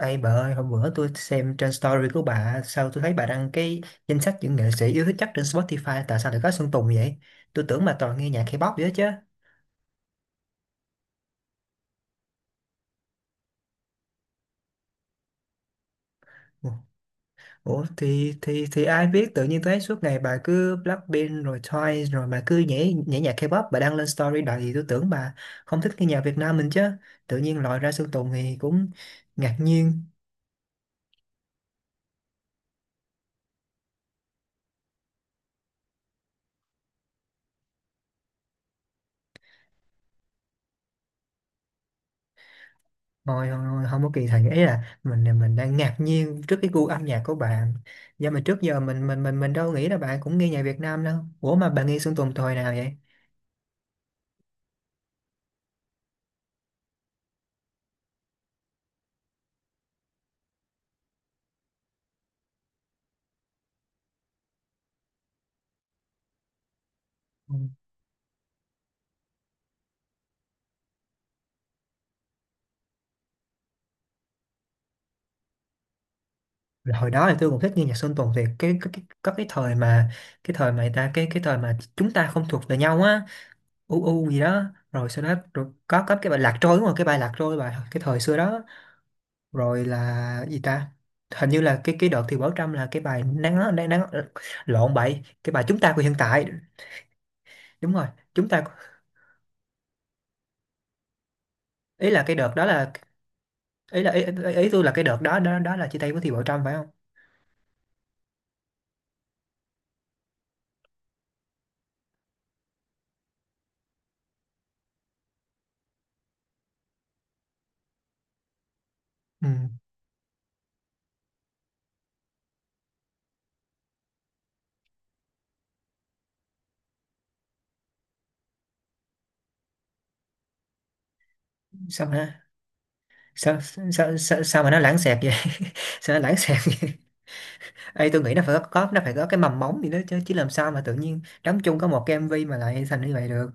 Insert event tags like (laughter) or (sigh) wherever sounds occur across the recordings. Ê bà ơi, hôm bữa tôi xem trên story của bà, sao tôi thấy bà đăng cái danh sách những nghệ sĩ yêu thích chắc trên Spotify, tại sao lại có Sơn Tùng vậy? Tôi tưởng bà toàn nghe nhạc K-pop vậy chứ. Ủa, ủa, thì ai biết tự nhiên tôi thấy suốt ngày bà cứ Blackpink rồi Twice rồi bà cứ nhảy nhảy nhạc K-pop bà đăng lên story đầy, tôi tưởng bà không thích nghe nhạc Việt Nam mình chứ. Tự nhiên lòi ra Sơn Tùng thì cũng ngạc nhiên. Thôi không, không, không có kỳ thị, ấy là mình đang ngạc nhiên trước cái gu âm nhạc của bạn, do mà trước giờ mình đâu nghĩ là bạn cũng nghe nhạc Việt Nam đâu. Ủa mà bạn nghe Sơn Tùng thời nào vậy? Ừ. Là hồi đó thì tôi cũng thích nghe nhạc Sơn Tùng, thì cái có cái thời mà người ta cái thời mà chúng ta không thuộc về nhau á, u u gì đó, rồi sau đó rồi có cái bài Lạc Trôi, đúng rồi cái bài Lạc Trôi, bài cái thời xưa đó, rồi là gì ta, hình như là cái đợt thì Bảo Trâm là cái bài nắng nắng, nắng, lộn bậy, cái bài Chúng Ta Của Hiện Tại, đúng rồi Chúng Ta. Ý là cái đợt đó là, ý là ý tôi là cái đợt đó đó đó là chia tay với Thì Bảo Trâm phải không? Ừ. sao mà nó- sao, sao sao mà nó lãng xẹt vậy? (laughs) Sao nó lãng xẹt vậy? Ê, tôi nghĩ nó phải có nó phải có cái mầm móng gì đó chứ, chứ làm sao mà tự nhiên đóng chung có một cái MV mà lại thành như vậy được?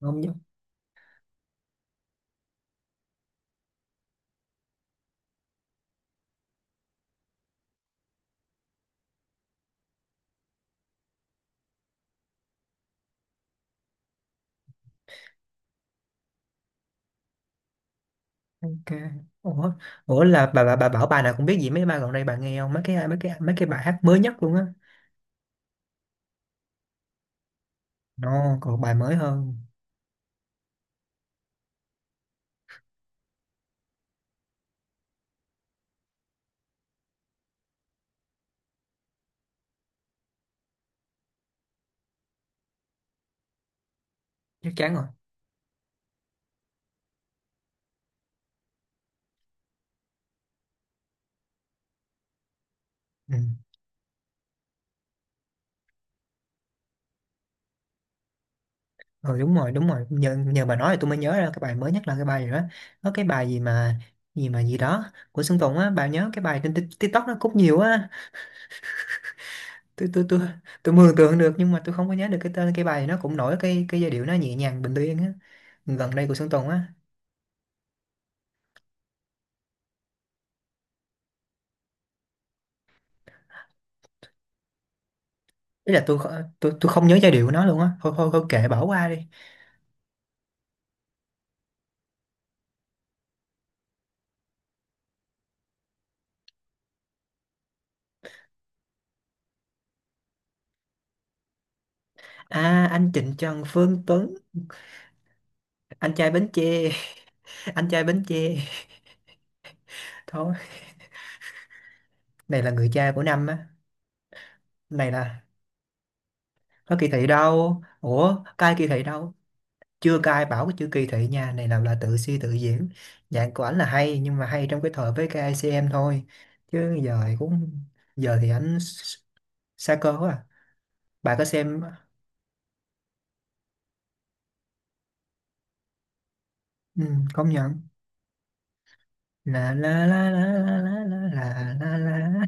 Không nhớ. Ok. Ủa, ủa là bà bảo bà nào cũng biết, gì mấy bài gần đây bà nghe không? Mấy cái mấy cái bài hát mới nhất luôn á. No, còn bài mới hơn. Chắc chắn rồi. Ừ. Ừ, đúng rồi đúng rồi, nhờ bà nói thì tôi mới nhớ ra cái bài mới nhất là cái bài gì đó, có cái bài gì mà gì mà gì đó của Sơn Tùng á, bà nhớ cái bài trên TikTok nó cũng nhiều á, tôi tôi mường tượng được nhưng mà tôi không có nhớ được cái tên, cái bài nó cũng nổi, cái giai điệu nó nhẹ nhàng bình yên á, gần đây của Sơn Tùng á. Ý là tôi không nhớ giai điệu của nó luôn á, thôi thôi thôi kệ bỏ qua đi. À anh Trịnh Trần Phương Tuấn, anh trai Bến Tre. (laughs) Anh trai Bến Tre. Thôi, này là người cha của năm á. Này là có kỳ thị đâu, ủa cai kỳ thị đâu. Chưa cai bảo cái chữ kỳ thị nha, này làm là tự suy tự diễn. Nhạc của ảnh là hay nhưng mà hay trong cái thời với ca i KICM thôi, chứ giờ thì cũng giờ thì xa cơ quá à. Bà có xem ừ, công nhận la la la la la la la la la la.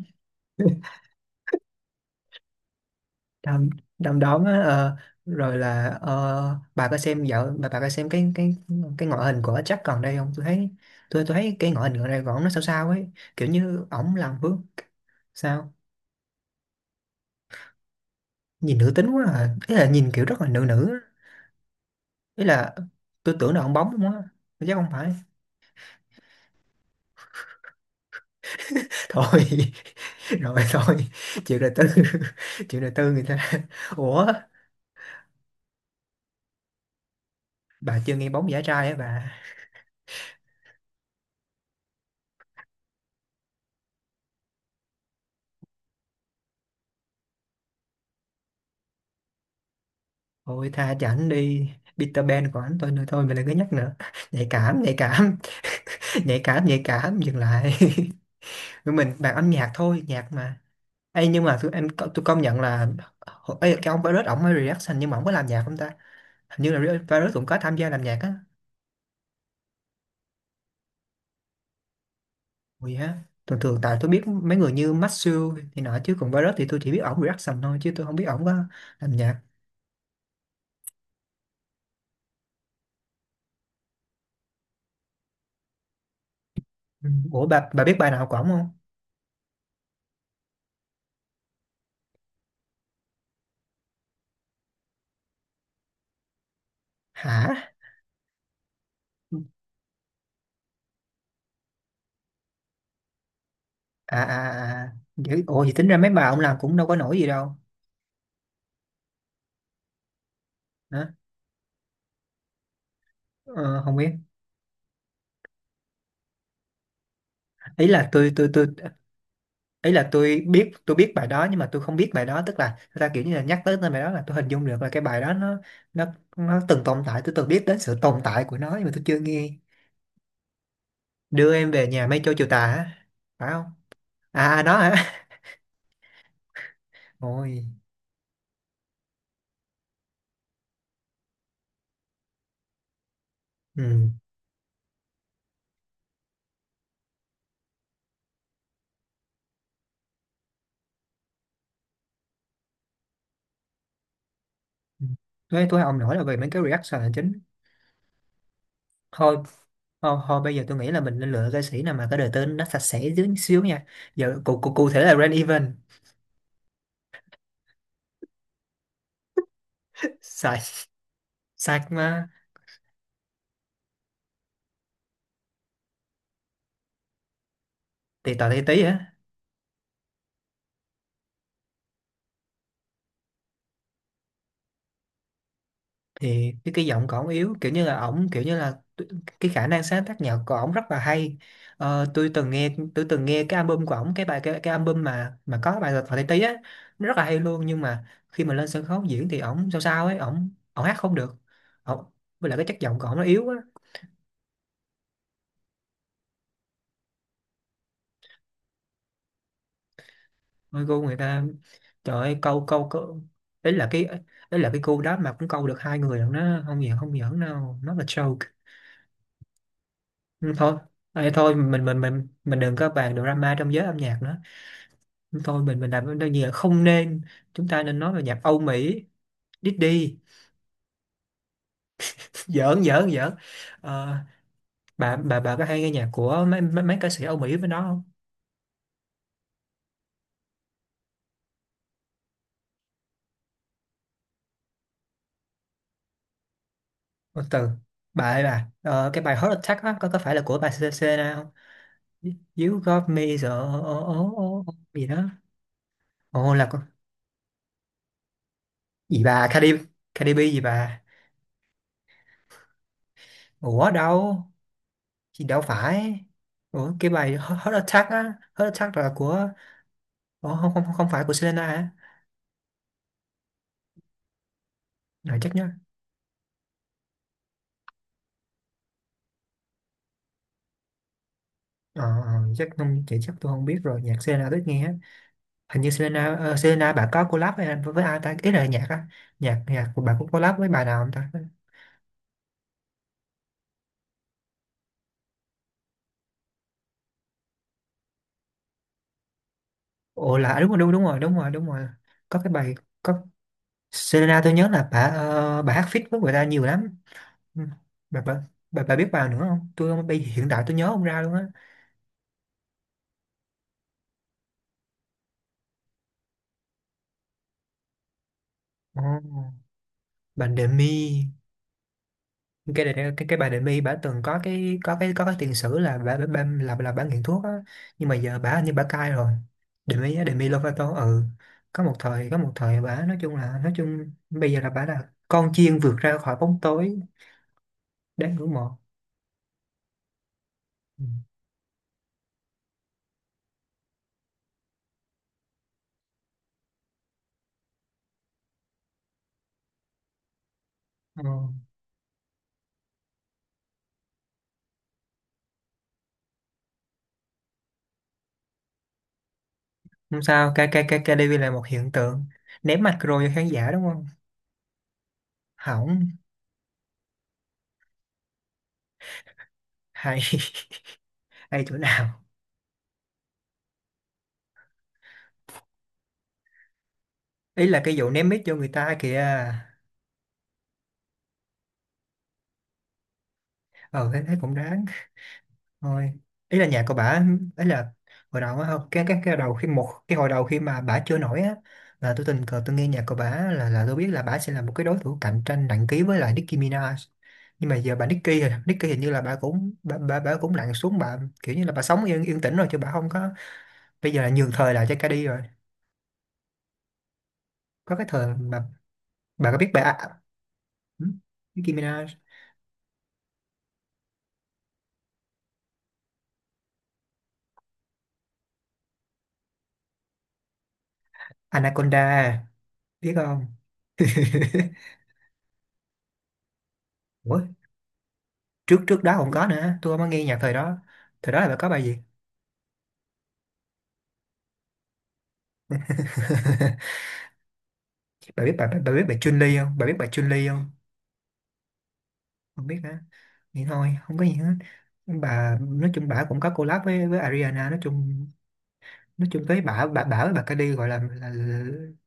Đom đom đóm á, ờ, rồi là ờ, bà có xem dạo bà có xem cái ngoại hình của Jack còn đây không? Tôi thấy tôi thấy cái ngoại hình gần đây của ổng nó sao sao ấy, kiểu như ổng làm vướng sao, nhìn nữ tính quá à, ý là nhìn kiểu rất là nữ nữ á. Ý là tôi tưởng là ông bóng không á, chắc không phải. (laughs) Thôi, rồi thôi, chuyện đời tư. (laughs) Chuyện đời tư người ta. Ủa bà chưa nghe bóng giả trai á bà? Thôi tha cho ảnh đi, Peter Pan của ảnh thôi, nữa thôi mình đừng có nhắc nữa. (laughs) Nhạy cảm nhạy cảm. (laughs) Nhạy cảm nhạy cảm, dừng lại. (laughs) Tụi mình bàn âm nhạc thôi, nhạc mà. Ê nhưng mà tụi em tôi công nhận là, ê, cái ông Virus ổng mới reaction nhưng mà ổng có làm nhạc không ta? Hình như là Virus cũng có tham gia làm nhạc á. Ui ha, thường thường tại tôi biết mấy người như Maxu thì nọ chứ còn Virus thì tôi chỉ biết ổng reaction thôi chứ tôi không biết ổng có làm nhạc. Ừ. Ủa bà biết bài nào của ổng không? Hả? À à à. À. Dữ- ủa thì tính ra mấy bài ông làm cũng đâu có nổi gì đâu. Hả? Ờ, không biết. Ý là tôi ý là tôi biết bài đó nhưng mà tôi không biết bài đó, tức là người ta kiểu như là nhắc tới tên bài đó là tôi hình dung được là cái bài đó nó nó từng tồn tại, tôi từng biết đến sự tồn tại của nó nhưng mà tôi chưa nghe. Đưa em về nhà mây trôi chiều tà hả, phải không? À à, đó hả. (laughs) Ôi. Ừ. Tôi ông nổi là về mấy cái reaction là chính. Thôi Thôi, thôi bây giờ tôi nghĩ là mình nên lựa ca sĩ nào mà cái đời tên nó sạch sẽ dưới xíu nha, giờ cụ cụ cụ thể là Rain Event. (laughs) Sai, sai mà. Tì tò tí tí á. Thì cái giọng của ổng yếu, kiểu như là ổng kiểu như là cái khả năng sáng tác nhạc của ổng rất là hay. Ờ, tôi từng nghe cái album của ổng, cái bài cái album mà có bài Thọ Tây Tý á, nó rất là hay luôn nhưng mà khi mà lên sân khấu diễn thì ổng sao sao ấy, ổng ổng hát không được ổng, với lại cái chất giọng của ổng nó yếu á. Ôi cô người ta, trời ơi, câu câu câu. Đấy là cái, đấy là cái cô đó mà cũng câu được hai người rồi, nó không giỡn không giỡn đâu, nó là joke. Ừ, thôi. Ê, thôi mình đừng có bàn drama trong giới âm nhạc nữa, thôi mình làm đơn gì là không nên, chúng ta nên nói về nhạc Âu Mỹ. Diddy. (laughs) giỡn giỡn giỡn. Ờ, bà có hay nghe nhạc của mấy mấy, mấy ca sĩ Âu Mỹ với nó không? Một từ bà ơi bà, ờ, cái bài Heart Attack á có phải là của bà CCC không? You got me so, oh, oh, oh, gì đó. Ồ là con gì, bà Cardi, Cardi B gì bà? Ủa đâu, chị đâu phải. Ủa cái bài Heart Attack á, Heart Attack là của, ủa, không không không phải của Selena hả? Rồi chắc nhớ. Ờ, ờ, chắc không chị, chắc tôi không biết rồi, nhạc Selena thích nghe á. Hình như Selena ờ, Selena bà có collab với, với ai ta, ý là nhạc á, nhạc nhạc của bà cũng collab với bài nào không ta? Ồ là à, đúng rồi, đúng rồi. Có cái bài, có, Selena tôi nhớ là bà, ờ, bà hát feat với người ta nhiều lắm. Ừ. bà bà bà biết bài nữa không? Tôi không bây hiện tại tôi nhớ không ra luôn á. Ồ, bà Demi, cái bà Đệm My bà từng có cái có cái tiền sử là bà là bà nghiện thuốc á, nhưng mà giờ bà hình như bà cai rồi. Đệm My á, Đệm My Lovato. Ừ, có một thời bà nói chung là nói chung bây giờ là bà là con chiên vượt ra khỏi bóng tối, đáng ngưỡng mộ. Ừ. Ờ, không sao KDV là một hiện tượng ném mạch rồi cho khán giả đúng không? Hỏng. Hay. (laughs) Hay chỗ nào? Ý là cái vụ ném mic cho người ta kìa. Ờ thế thế cũng đáng. Thôi, ý là nhà của bà ấy là hồi đầu á, không cái cái đầu khi một cái hồi đầu khi mà bà chưa nổi á, là tôi tình cờ tôi nghe nhạc của bà là tôi biết là bà sẽ là một cái đối thủ cạnh tranh nặng ký với lại Nicki Minaj, nhưng mà giờ bà Nicki rồi Nicki hình như là bà cũng bà cũng lặn xuống bà kiểu như là bà sống yên yên tĩnh rồi chứ bà không có, bây giờ là nhường thời lại cho Cardi rồi. Có cái thời mà bà có biết bà, ừ? Nicki Minaj. Anaconda biết không? Ủa, trước trước đó không có nữa, tôi không có nghe nhạc thời đó, thời đó là bà có bài gì? (laughs) Bà biết bà Chun Li không? Bà biết bà Chun Li không? Không biết hả? Vậy thôi không có gì hết. Bà nói chung bà cũng có collab với Ariana, nói chung, nói chung với bà với bà Cardi gọi là,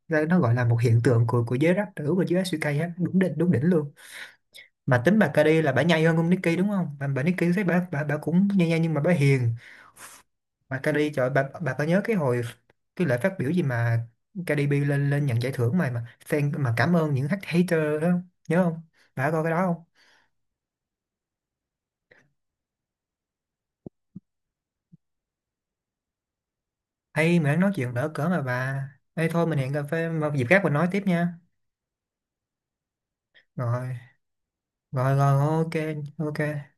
là nó gọi là một hiện tượng của giới rap nữ và giới SK á, đúng đỉnh luôn. Mà tính bà Cardi là bà nhây hơn ông Nicki đúng không, bà Nicki thấy bà cũng nhây nhây nhưng mà bà hiền. Mà Cardi trời, bà có nhớ cái hồi cái lễ phát biểu gì mà Cardi B lên lên nhận giải thưởng mà fan mà cảm ơn những hater đó không? Nhớ không? Bà có coi cái đó không? Ê, mình nói chuyện đỡ cỡ mà bà. Ê, thôi mình hẹn cà phê một dịp khác mình nói tiếp nha. Rồi, rồi, rồi, ok, ok.